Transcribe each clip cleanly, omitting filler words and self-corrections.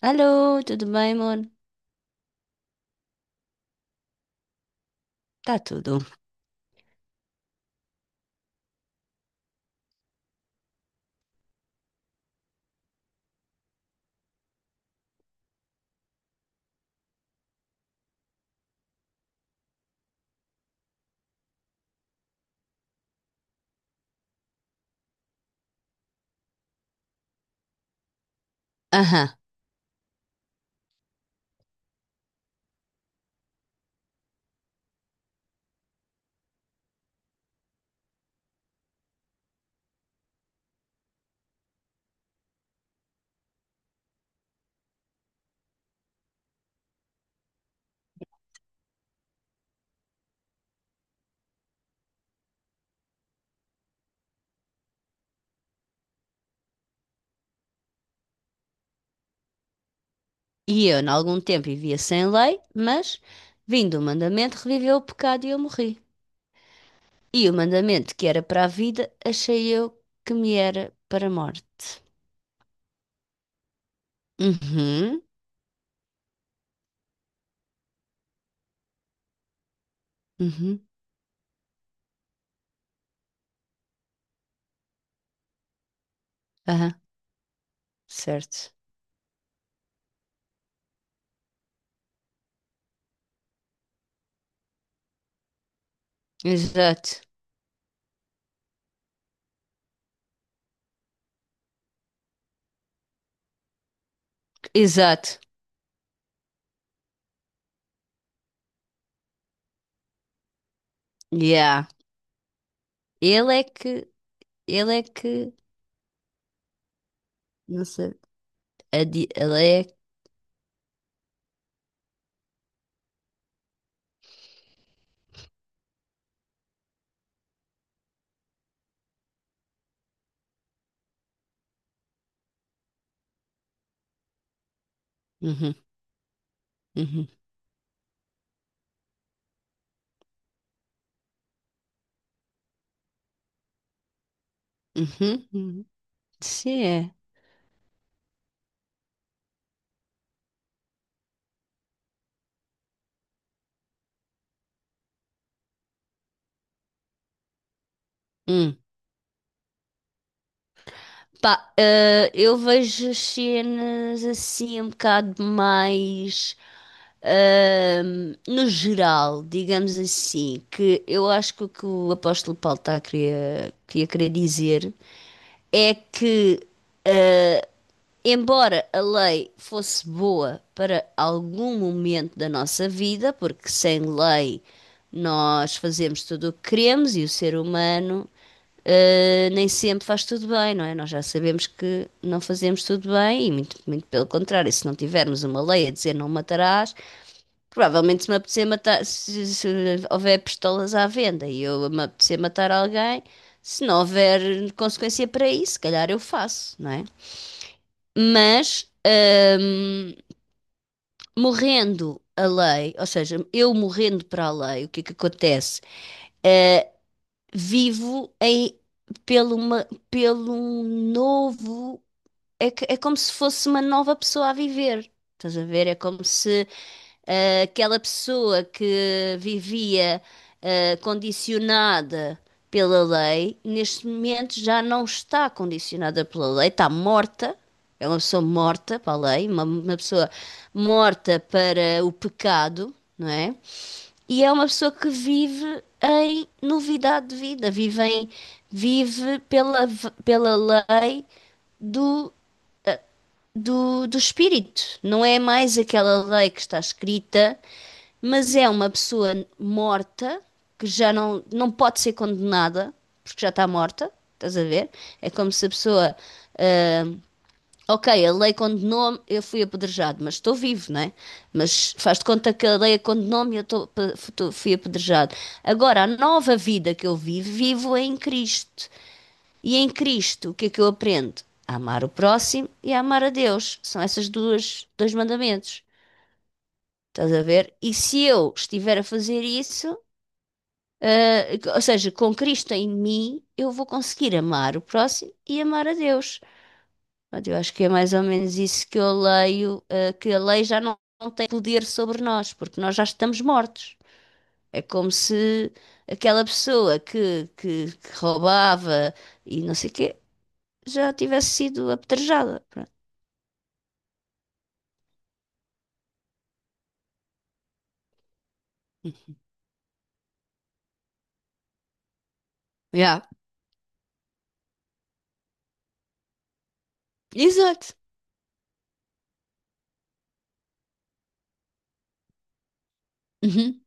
Alô, tudo bem, amor? Está tudo. Aham. E eu, em algum tempo, vivia sem lei, mas, vindo o mandamento, reviveu o pecado e eu morri. E o mandamento que era para a vida, achei eu que me era para a morte. Uhum, uhum, aham, certo. Exato, exato. Yeah. Ele é que, ele é que, não sei, ele é, uhum, uhum, uhum, uhum. Sim, é. Pá, eu vejo as cenas assim um bocado mais no geral, digamos assim, que eu acho que o apóstolo Paulo está a querer, que ia querer dizer é que, eh, embora a lei fosse boa para algum momento da nossa vida, porque sem lei nós fazemos tudo o que queremos e o ser humano nem sempre faz tudo bem, não é? Nós já sabemos que não fazemos tudo bem e muito, muito pelo contrário, se não tivermos uma lei a dizer não matarás, provavelmente se me apetecer matar, se houver pistolas à venda e eu me apetecer matar alguém, se não houver consequência para isso, se calhar eu faço, não é? Mas hum, morrendo a lei, ou seja, eu morrendo para a lei, o que é que acontece? Vivo pelo um novo é como se fosse uma nova pessoa a viver. Estás a ver? É como se aquela pessoa que vivia condicionada pela lei, neste momento já não está condicionada pela lei, está morta. É uma pessoa morta para a lei, uma pessoa morta para o pecado, não é? E é uma pessoa que vive em novidade de vida, vive, pela lei do do espírito. Não é mais aquela lei que está escrita, mas é uma pessoa morta que já não, não pode ser condenada porque já está morta. Estás a ver? É como se a pessoa. ah, ok, a lei condenou-me, eu fui apedrejado, mas estou vivo, não é? Mas faz de conta que a lei condenou-me e eu fui apedrejado. Agora, a nova vida que eu vivo, vivo em Cristo. E em Cristo, o que é que eu aprendo? A amar o próximo e a amar a Deus. São esses dois mandamentos. Estás a ver? E se eu estiver a fazer isso, ou seja, com Cristo em mim, eu vou conseguir amar o próximo e amar a Deus. Eu acho que é mais ou menos isso que eu leio, que a lei já não, não tem poder sobre nós, porque nós já estamos mortos. É como se aquela pessoa que roubava e não sei o quê já tivesse sido apedrejada. Pronto. Yeah. Exato. Uhum.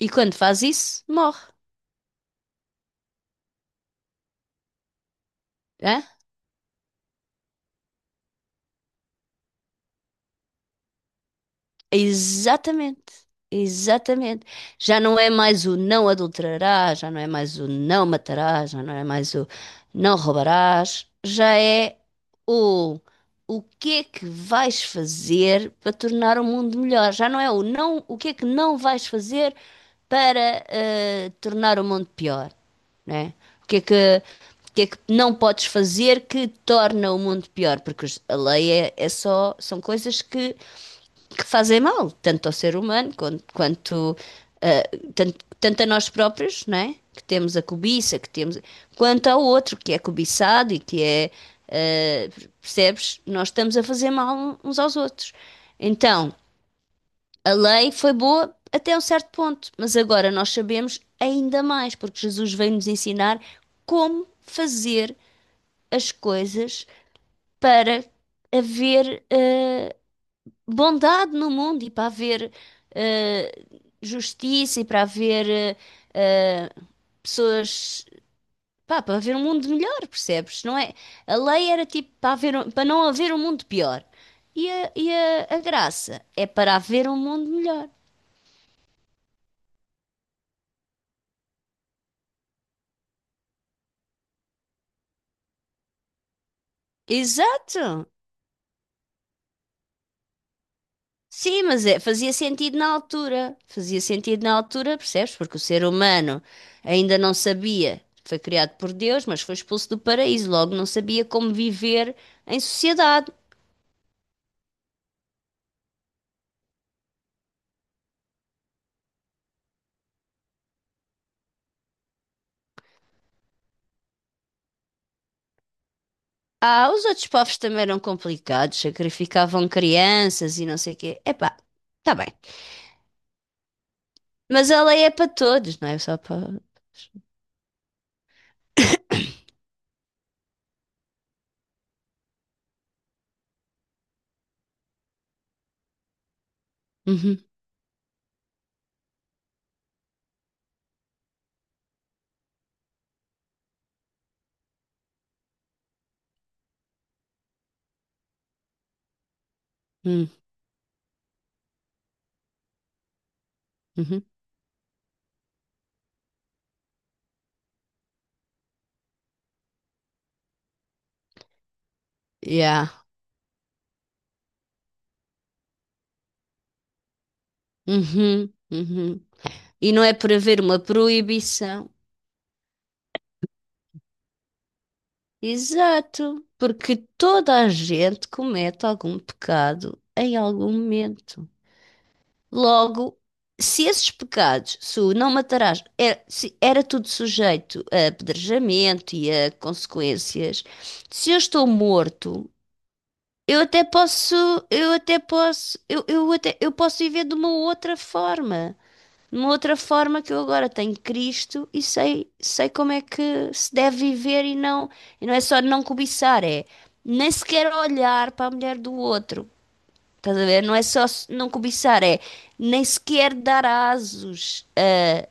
E quando faz isso, morre. Hã? Exatamente. Exatamente. Já não é mais o não adulterarás, já não é mais o não matarás, já não é mais o não roubarás, já é o o que é que vais fazer para tornar o mundo melhor. Já não é o não, o que é que não vais fazer para tornar o mundo pior, né? O que é que o que é que não podes fazer que torna o mundo pior? Porque a lei é só, são coisas que fazem mal, tanto ao ser humano quanto, quanto, tanto, tanto a nós próprios, não é? Que temos a cobiça, que temos, quanto ao outro que é cobiçado e que é, percebes? Nós estamos a fazer mal uns aos outros. Então, a lei foi boa até um certo ponto, mas agora nós sabemos ainda mais, porque Jesus veio nos ensinar como fazer as coisas para haver bondade no mundo e para haver eh, justiça e para haver eh, pessoas, pá, para haver um mundo melhor, percebes? Não é? A lei era tipo para haver, para não haver um mundo pior. E a graça é para haver um mundo melhor. Exato! Sim, mas é, fazia sentido na altura. Fazia sentido na altura, percebes? Porque o ser humano ainda não sabia. Foi criado por Deus, mas foi expulso do paraíso. Logo, não sabia como viver em sociedade. Ah, os outros povos também eram complicados. Sacrificavam crianças e não sei o quê. Epá, tá bem. Mas a lei é para todos, não é só para... Uhum, uhum, uhum. Yeah. Uhum, uhum. E não é por haver uma proibição. Exato, porque toda a gente comete algum pecado em algum momento. Logo, se esses pecados, se o não matarás, era, se era tudo sujeito a apedrejamento e a consequências, se eu estou morto, eu até posso, eu até posso, eu até, eu posso viver de uma outra forma. De uma outra forma que eu agora tenho Cristo e sei como é que se deve viver e não é só não cobiçar, é nem sequer olhar para a mulher do outro. Estás a ver? Não é só não cobiçar, é nem sequer dar asos a,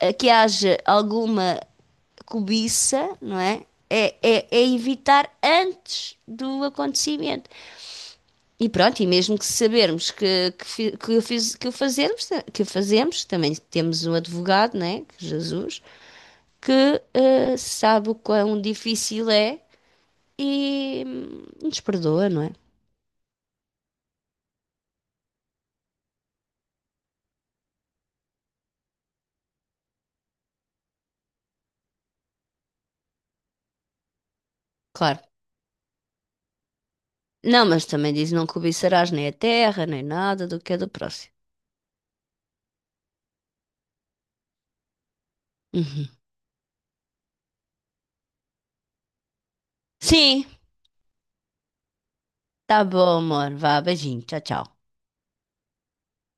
a que haja alguma cobiça, não é? É evitar antes do acontecimento. E pronto, e mesmo que sabermos que o fazemos, também temos um advogado, né, que é Jesus, que sabe o quão difícil é e nos perdoa, não é? Claro. Não, mas também diz não cobiçarás nem a terra, nem nada do que é do próximo. Uhum. Sim, tá bom, amor. Vá, beijinho. Tchau, tchau.